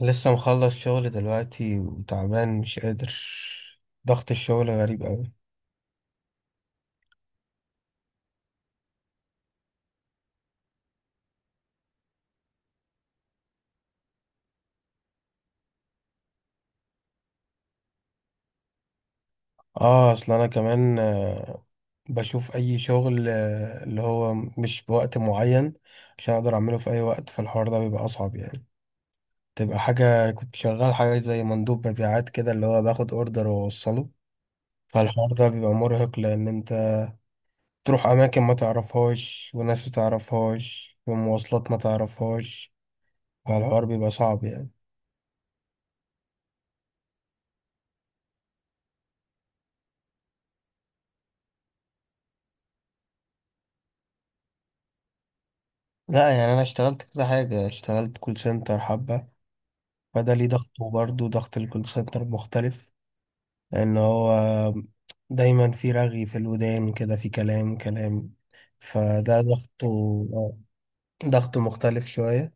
لسه مخلص شغل دلوقتي وتعبان مش قادر. ضغط الشغل غريب قوي. اه، اصل انا كمان بشوف اي شغل اللي هو مش بوقت معين عشان اقدر اعمله في اي وقت، فالحوار ده بيبقى اصعب يعني. تبقى حاجة، كنت شغال حاجة زي مندوب مبيعات كده، اللي هو باخد اوردر واوصله. فالحوار ده بيبقى مرهق لان انت تروح اماكن ما تعرفهاش، وناس ما تعرفهاش، ومواصلات ما تعرفهاش. فالحوار بيبقى صعب يعني. لا يعني، انا اشتغلت كذا حاجه، اشتغلت كول سنتر حبه. فده ليه ضغطه، وبرضه ضغط الكول سنتر مختلف. لان هو دايما في رغي في الودان كده، في كلام كلام. فده ضغطه. آه، ضغط مختلف شويه.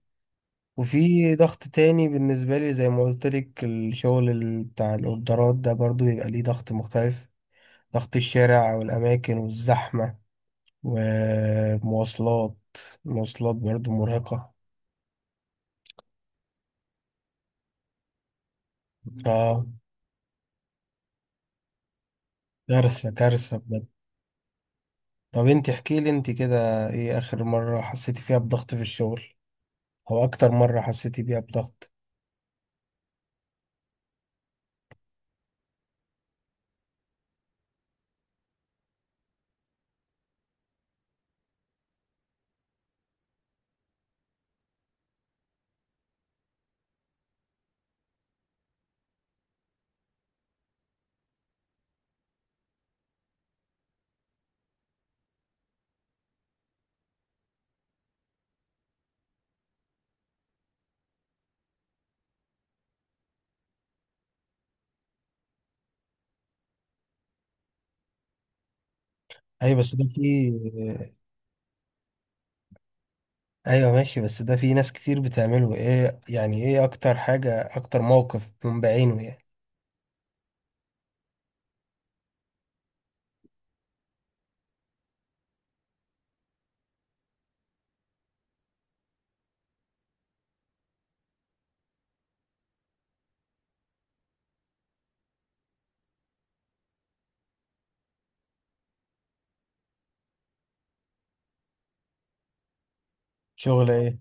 وفي ضغط تاني بالنسبه لي، زي ما قلت لك، الشغل بتاع الاوردرات ده برضه بيبقى ليه ضغط مختلف. ضغط الشارع والاماكن والزحمه ومواصلات. المواصلات برضه مرهقه. اه، كارثة كارثة بجد. طب انت احكي لي انت كده، ايه اخر مرة حسيتي فيها بضغط في الشغل؟ او اكتر مرة حسيتي بيها بضغط؟ ايوه بس ده في. ايوه ماشي، بس ده في ناس كتير بتعمله، ايه يعني؟ ايه اكتر حاجة، اكتر موقف من بعينه يعني؟ شغل ايه؟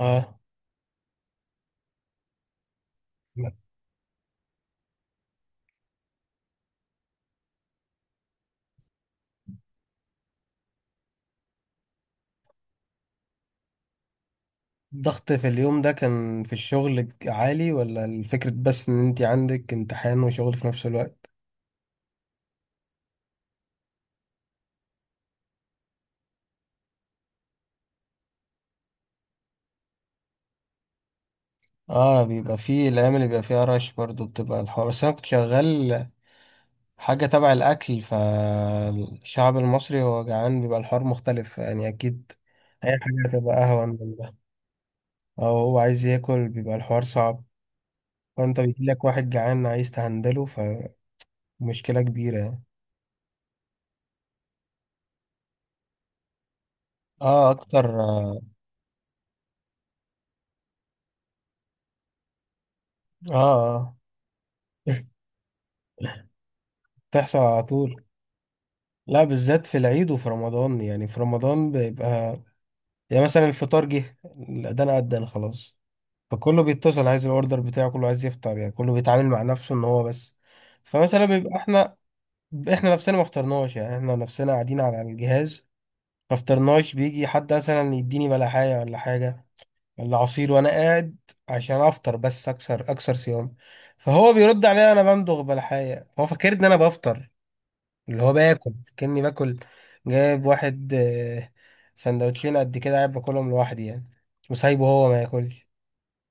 اه، الضغط في اليوم ده كان في الشغل عالي، ولا الفكرة بس ان انت عندك امتحان وشغل في نفس الوقت؟ اه، بيبقى فيه الايام اللي بيبقى فيها رش برضو بتبقى الحوار، بس انا كنت شغال حاجة تبع الأكل، فالشعب المصري هو جعان بيبقى الحوار مختلف يعني، أكيد أي حاجة هتبقى أهون من ده. أو هو عايز ياكل بيبقى الحوار صعب، فأنت بيجيلك واحد جعان عايز تهندله، فمشكلة كبيرة يعني. آه أكتر آه. آه تحصل على طول. لا بالذات في العيد وفي رمضان، يعني في رمضان بيبقى، يعني مثلا الفطار جه، الأذان أذن خلاص، فكله بيتصل عايز الاوردر بتاعه، كله عايز يفطر، يعني كله بيتعامل مع نفسه ان هو بس. فمثلا بيبقى احنا نفسنا ما فطرناش، يعني احنا نفسنا قاعدين على الجهاز ما فطرناش، بيجي حد مثلا يديني بلحاية ولا حاجة ولا عصير، وانا قاعد عشان افطر بس، اكسر اكسر صيام. فهو بيرد عليا، انا بمضغ بلحاية هو فاكر ان انا بفطر، اللي هو باكل كأني باكل. جايب واحد سندوتشين قد كده قاعد باكلهم لوحدي يعني، وسايبه هو ما ياكلش.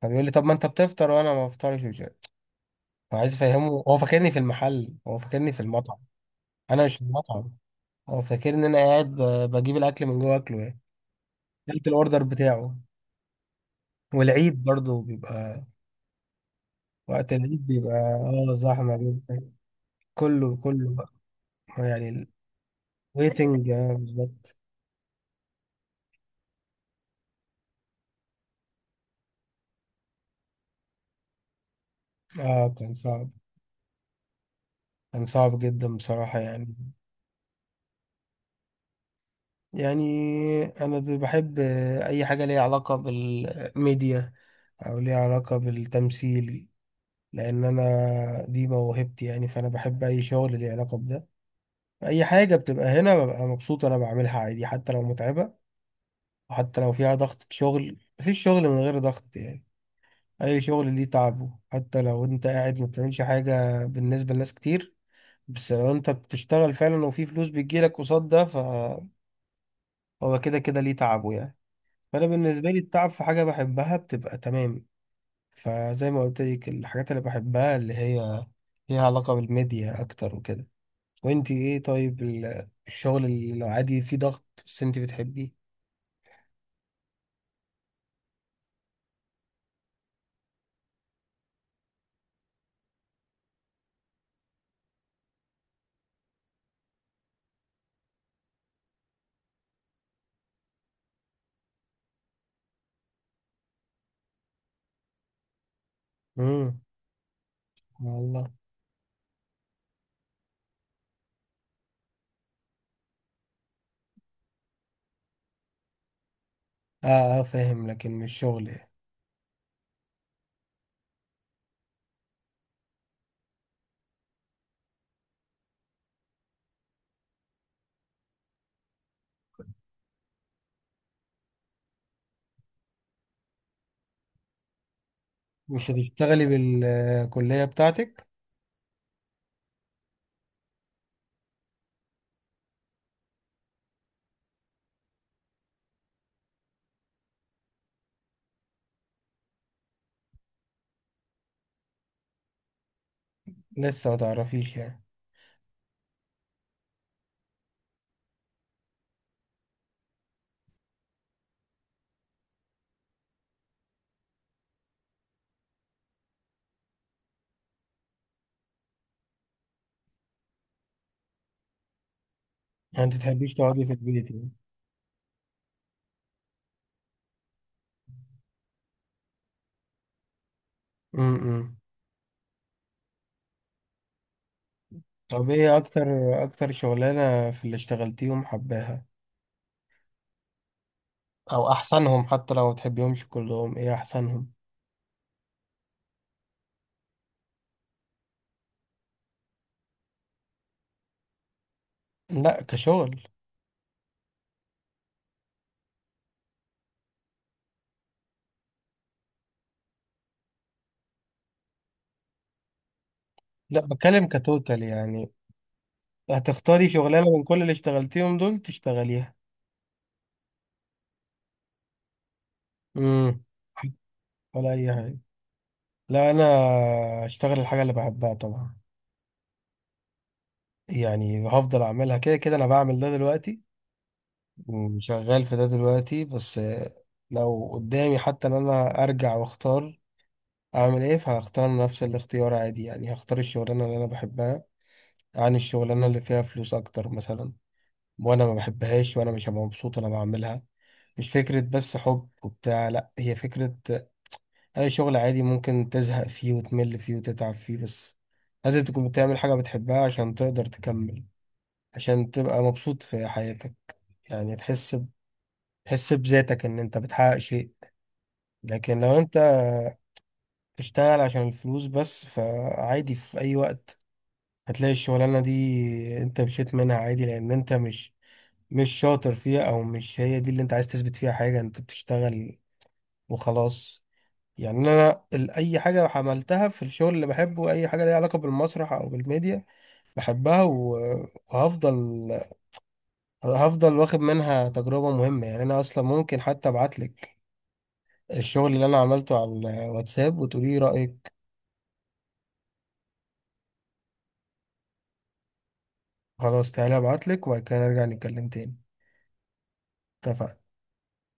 فبيقول لي طب ما انت بتفطر وانا ما بفطرش، فعايز افهمه، هو فاكرني في المحل، هو فاكرني في المطعم، انا مش في المطعم. هو فاكرني ان انا قاعد بجيب الاكل من جوه اكله يعني. قلت الاوردر بتاعه. والعيد برضه بيبقى، وقت العيد بيبقى زحمه جدا. كله كله بقى يعني. الويتنج اه، بالظبط. اه، كان صعب، كان صعب جدا بصراحه يعني. يعني انا بحب اي حاجه ليها علاقه بالميديا، او ليها علاقه بالتمثيل، لان انا دي موهبتي يعني. فانا بحب اي شغل ليه علاقه بده، اي حاجه بتبقى هنا ببقى مبسوط انا بعملها عادي، حتى لو متعبه، وحتى لو فيها ضغط شغل. مفيش شغل من غير ضغط يعني، اي شغل ليه تعبه. حتى لو انت قاعد ما بتعملش حاجه بالنسبه لناس كتير، بس لو انت بتشتغل فعلا وفي فلوس بتجيلك قصاد ده، فهو كده كده ليه تعبه يعني. فانا بالنسبه لي، التعب في حاجه بحبها بتبقى تمام. فزي ما قلت لك، الحاجات اللي بحبها اللي هي ليها علاقه بالميديا اكتر وكده. وانت ايه طيب، الشغل اللي عادي فيه ضغط بس انت بتحبيه؟ امم. والله. اه اه فاهم، لكن مش شغل يعني. مش هتشتغلي بالكلية بتاعتك؟ لسه ما تعرفيش يعني؟ يعني انت تحبيش تقعدي في البيت يعني؟ امم. طب ايه اكتر شغلانة في اللي اشتغلتيهم حباها، او احسنهم، حتى لو ما تحبيهمش كلهم، ايه احسنهم؟ لا كشغل. لا بتكلم كتوتال يعني، هتختاري شغلانة من كل اللي اشتغلتيهم دول تشتغليها. امم. ولا اي حاجه. لا انا اشتغل الحاجه اللي بحبها طبعا، يعني هفضل اعملها. كده كده انا بعمل ده دلوقتي وشغال في ده دلوقتي. بس لو قدامي حتى ان انا ارجع واختار اعمل ايه، فهختار نفس الاختيار عادي، يعني هختار الشغلانه اللي انا بحبها عن الشغلانه اللي فيها فلوس اكتر مثلا، وانا ما بحبهاش وانا مش هبقى مبسوط وانا بعملها. مش فكره بس حب وبتاع، لا هي فكره. اي شغل عادي ممكن تزهق فيه وتمل فيه وتتعب فيه، بس لازم تكون بتعمل حاجة بتحبها عشان تقدر تكمل، عشان تبقى مبسوط في حياتك، يعني تحس تحس بذاتك ان انت بتحقق شيء. لكن لو انت بتشتغل عشان الفلوس بس، فعادي في اي وقت هتلاقي الشغلانة دي انت مشيت منها عادي، لان انت مش شاطر فيها، او مش هي دي اللي انت عايز تثبت فيها حاجة، انت بتشتغل وخلاص. يعني انا اي حاجه عملتها في الشغل اللي بحبه، اي حاجه ليها علاقه بالمسرح او بالميديا، بحبها وهفضل واخد منها تجربه مهمه يعني. انا اصلا ممكن حتى ابعت لك الشغل اللي انا عملته على الواتساب وتقولي رايك. خلاص تعالى ابعت لك وبعد كده نرجع نتكلم تاني. اتفقنا.